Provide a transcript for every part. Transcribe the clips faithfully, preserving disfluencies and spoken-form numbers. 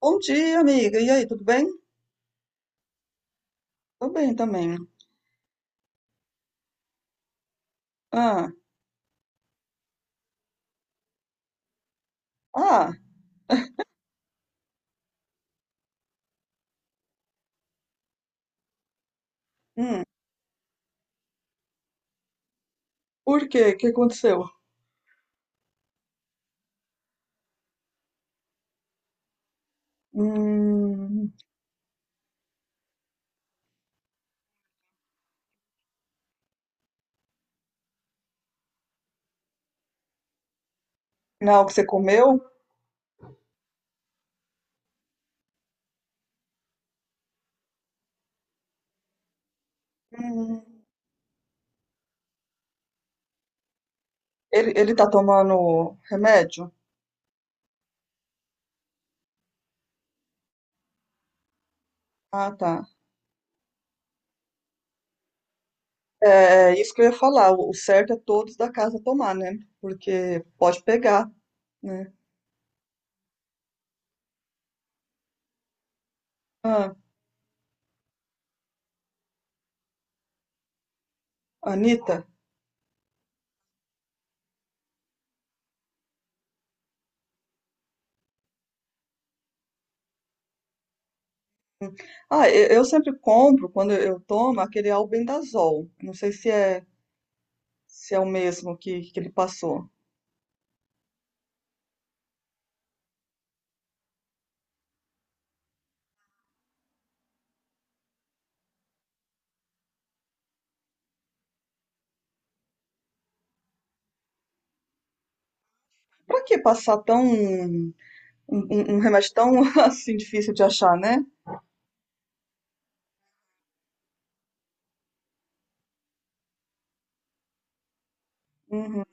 Bom dia, amiga. E aí, tudo bem? Tô bem também. Ah, ah, hum. Por quê? O que aconteceu? Hum, não é algo que você comeu? Hum, ele, ele tá tomando remédio? Ah, tá. É, é isso que eu ia falar. O, o certo é todos da casa tomar, né? Porque pode pegar, né? Ah, Anitta. Ah, eu, eu sempre compro, quando eu tomo, aquele albendazol. Não sei se é, se é o mesmo que, que ele passou. Pra que passar tão Um, um- um remédio tão assim difícil de achar, né? Uhum.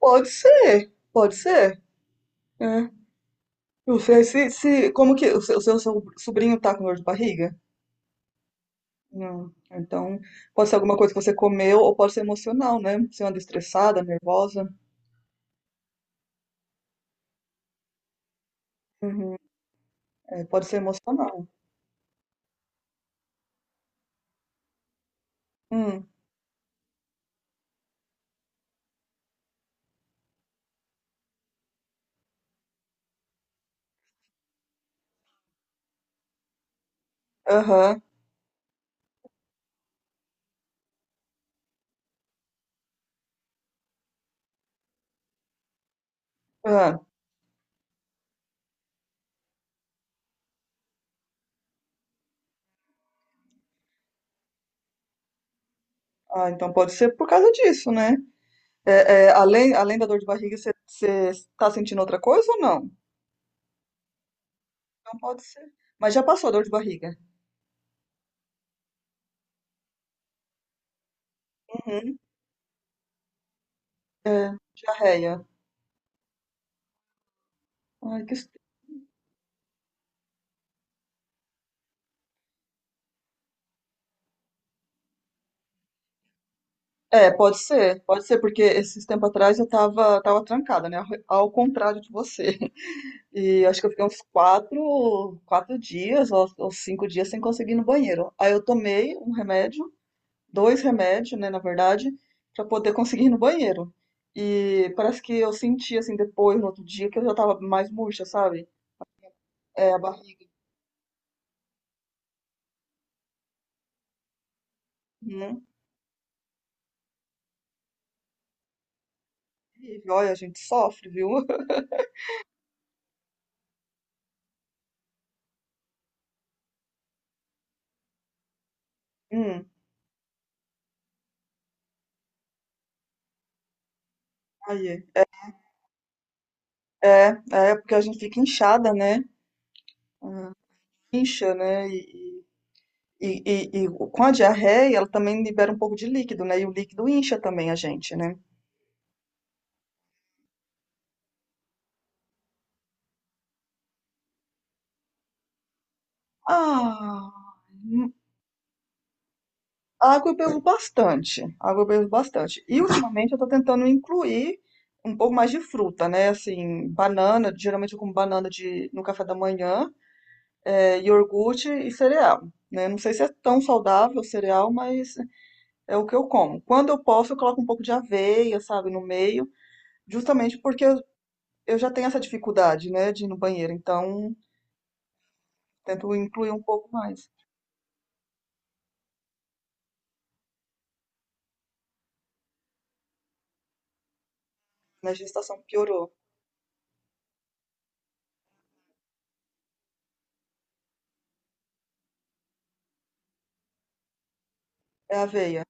Pode ser, pode ser. É. Não sei se, se como que o seu, o seu so- sobrinho tá com dor de barriga? Não. Então, pode ser alguma coisa que você comeu ou pode ser emocional, né? Você anda estressada, nervosa. Uhum. É, pode ser emocional. Hum. Aham. Ah, ah, então pode ser por causa disso, né? É, é, além, além da dor de barriga, você está sentindo outra coisa ou não? Então pode ser. Mas já passou a dor de barriga. Uhum. É, diarreia. Ai, que... est- É, pode ser, pode ser, porque esses tempos atrás eu tava, tava trancada, né? Ao ao contrário de você. E acho que eu fiquei uns quatro, quatro dias ou, ou cinco dias sem conseguir ir no banheiro. Aí eu tomei um remédio, dois remédios, né, na verdade, pra poder conseguir ir no banheiro. E parece que eu senti, assim, depois, no outro dia, que eu já tava mais murcha, sabe? É, a barriga. Uhum. Olha, a gente sofre, viu? Hum, aí. É, é porque a gente fica inchada, né? Incha, né? E, e, e, e com a diarreia, ela também libera um pouco de líquido, né? E o líquido incha também a gente, né? Ah, hum, água eu bebo bastante. Água eu bebo bastante. E ultimamente eu tô tentando incluir um pouco mais de fruta, né? Assim, banana, geralmente eu como banana de, no café da manhã, é, iogurte e cereal. Né? Não sei se é tão saudável o cereal, mas é o que eu como. Quando eu posso, eu coloco um pouco de aveia, sabe, no meio, justamente porque eu já tenho essa dificuldade, né, de ir no banheiro, então tento incluir um pouco mais. Na gestação piorou. É aveia.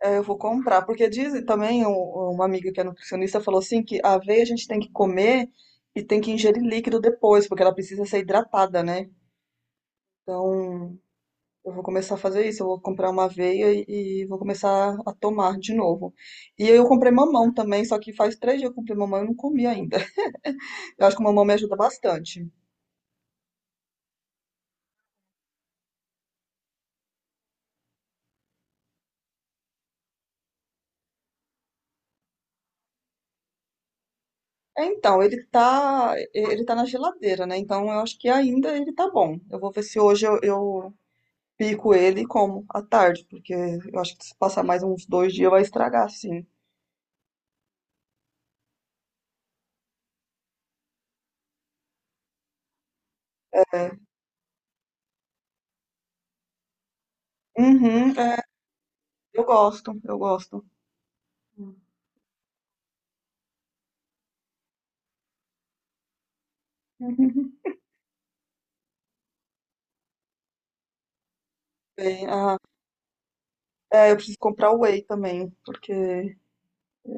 É, eu vou comprar, porque dizem também, um- uma amiga que é nutricionista falou assim, que a aveia a gente tem que comer e tem que ingerir líquido depois, porque ela precisa ser hidratada, né? Então, eu vou começar a fazer isso, eu vou comprar uma aveia e, e vou começar a tomar de novo. E eu comprei mamão também, só que faz três dias que eu comprei mamão e eu não comi ainda. Eu acho que o mamão me ajuda bastante. É, então, ele tá, ele tá na geladeira, né? Então eu acho que ainda ele tá bom. Eu vou ver se hoje eu, eu pico ele e como à tarde, porque eu acho que se passar mais uns dois dias vai estragar, sim. É. Uhum, é, eu gosto, eu gosto. Uhum. Bem, ah, é, eu preciso comprar whey também, porque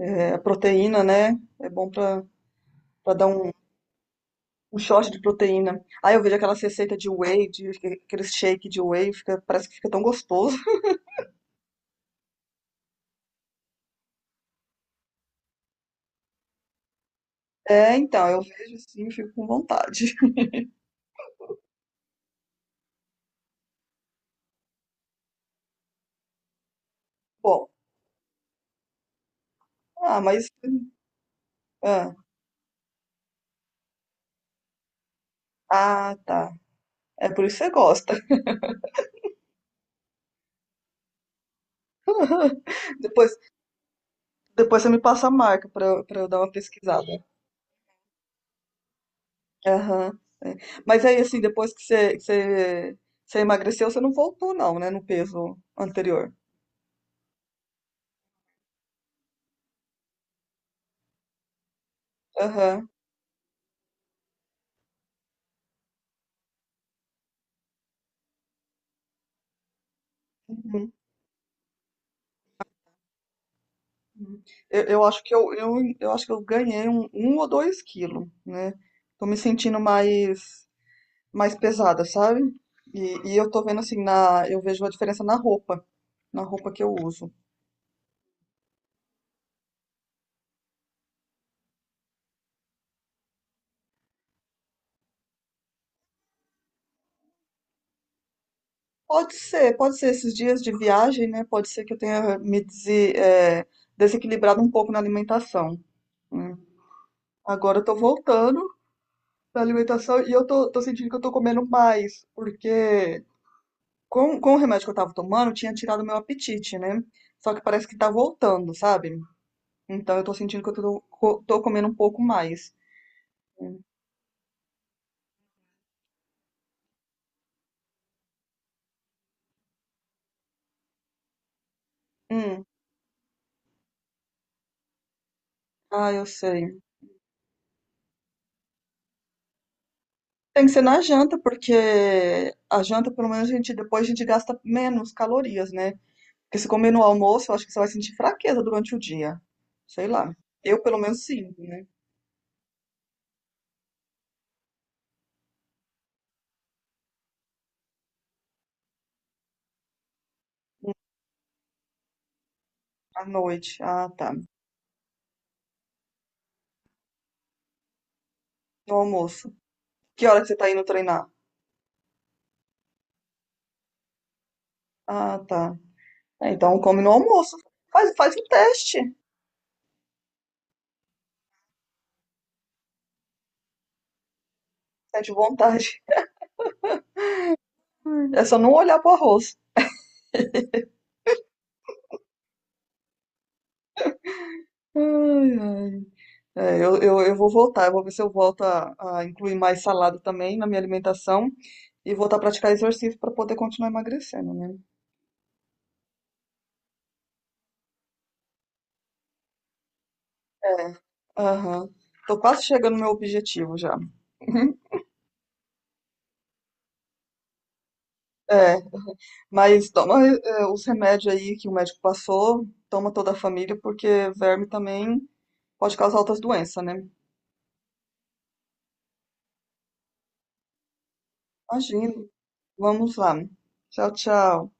é, a proteína, né? É bom pra, pra dar um, um shot de proteína. Aí eu vejo aquelas receitas de whey, de, aquele shake de whey, fica, parece que fica tão gostoso. É, então, eu vejo sim, fico com vontade. Bom, ah, mas. Ah, ah, tá. É por isso que você gosta. Depois, depois você me passa a marca pra, eu- pra eu dar uma pesquisada. Aham. É. Mas aí, assim, depois que você, que você, você emagreceu, você não voltou, não, né, no peso anterior. Aham. Uhum. Uhum. Eu, eu acho que eu, eu, eu acho que eu ganhei um, um ou dois quilos, né? Tô me sentindo mais, mais pesada, sabe? E, e eu tô vendo assim, na, eu vejo a diferença na roupa. Na roupa que eu uso. Pode ser, pode ser esses dias de viagem, né? Pode ser que eu tenha me dese- eh, desequilibrado um pouco na alimentação. Né. Agora eu tô voltando pra alimentação e eu tô, tô sentindo que eu tô comendo mais, porque com, com o remédio que eu tava tomando, tinha tirado meu apetite, né? Só que parece que tá voltando, sabe? Então eu tô sentindo que eu tô, co- tô comendo um pouco mais. Hum, ah, eu sei. Tem que ser na janta, porque a janta, pelo menos, a gente, depois a gente gasta menos calorias, né? Porque se comer no almoço, eu acho que você vai sentir fraqueza durante o dia. Sei lá. Eu, pelo menos, sinto, né? À noite. Ah, tá. No almoço. Que hora que você tá indo treinar? Ah, tá. É, então come no almoço. Faz, faz um teste. Sente vontade. É só não olhar pro arroz. Ai, ai. É, eu, eu, eu vou voltar. Eu vou ver se eu volto a, a incluir mais salada também na minha alimentação. E voltar a praticar exercício para poder continuar emagrecendo, né? É. Aham. Tô quase chegando no meu objetivo já. É. Mas toma eh, os remédios aí que o médico passou, toma toda a família, porque verme também pode causar outras doenças, né? Imagino. Vamos lá. Tchau, tchau.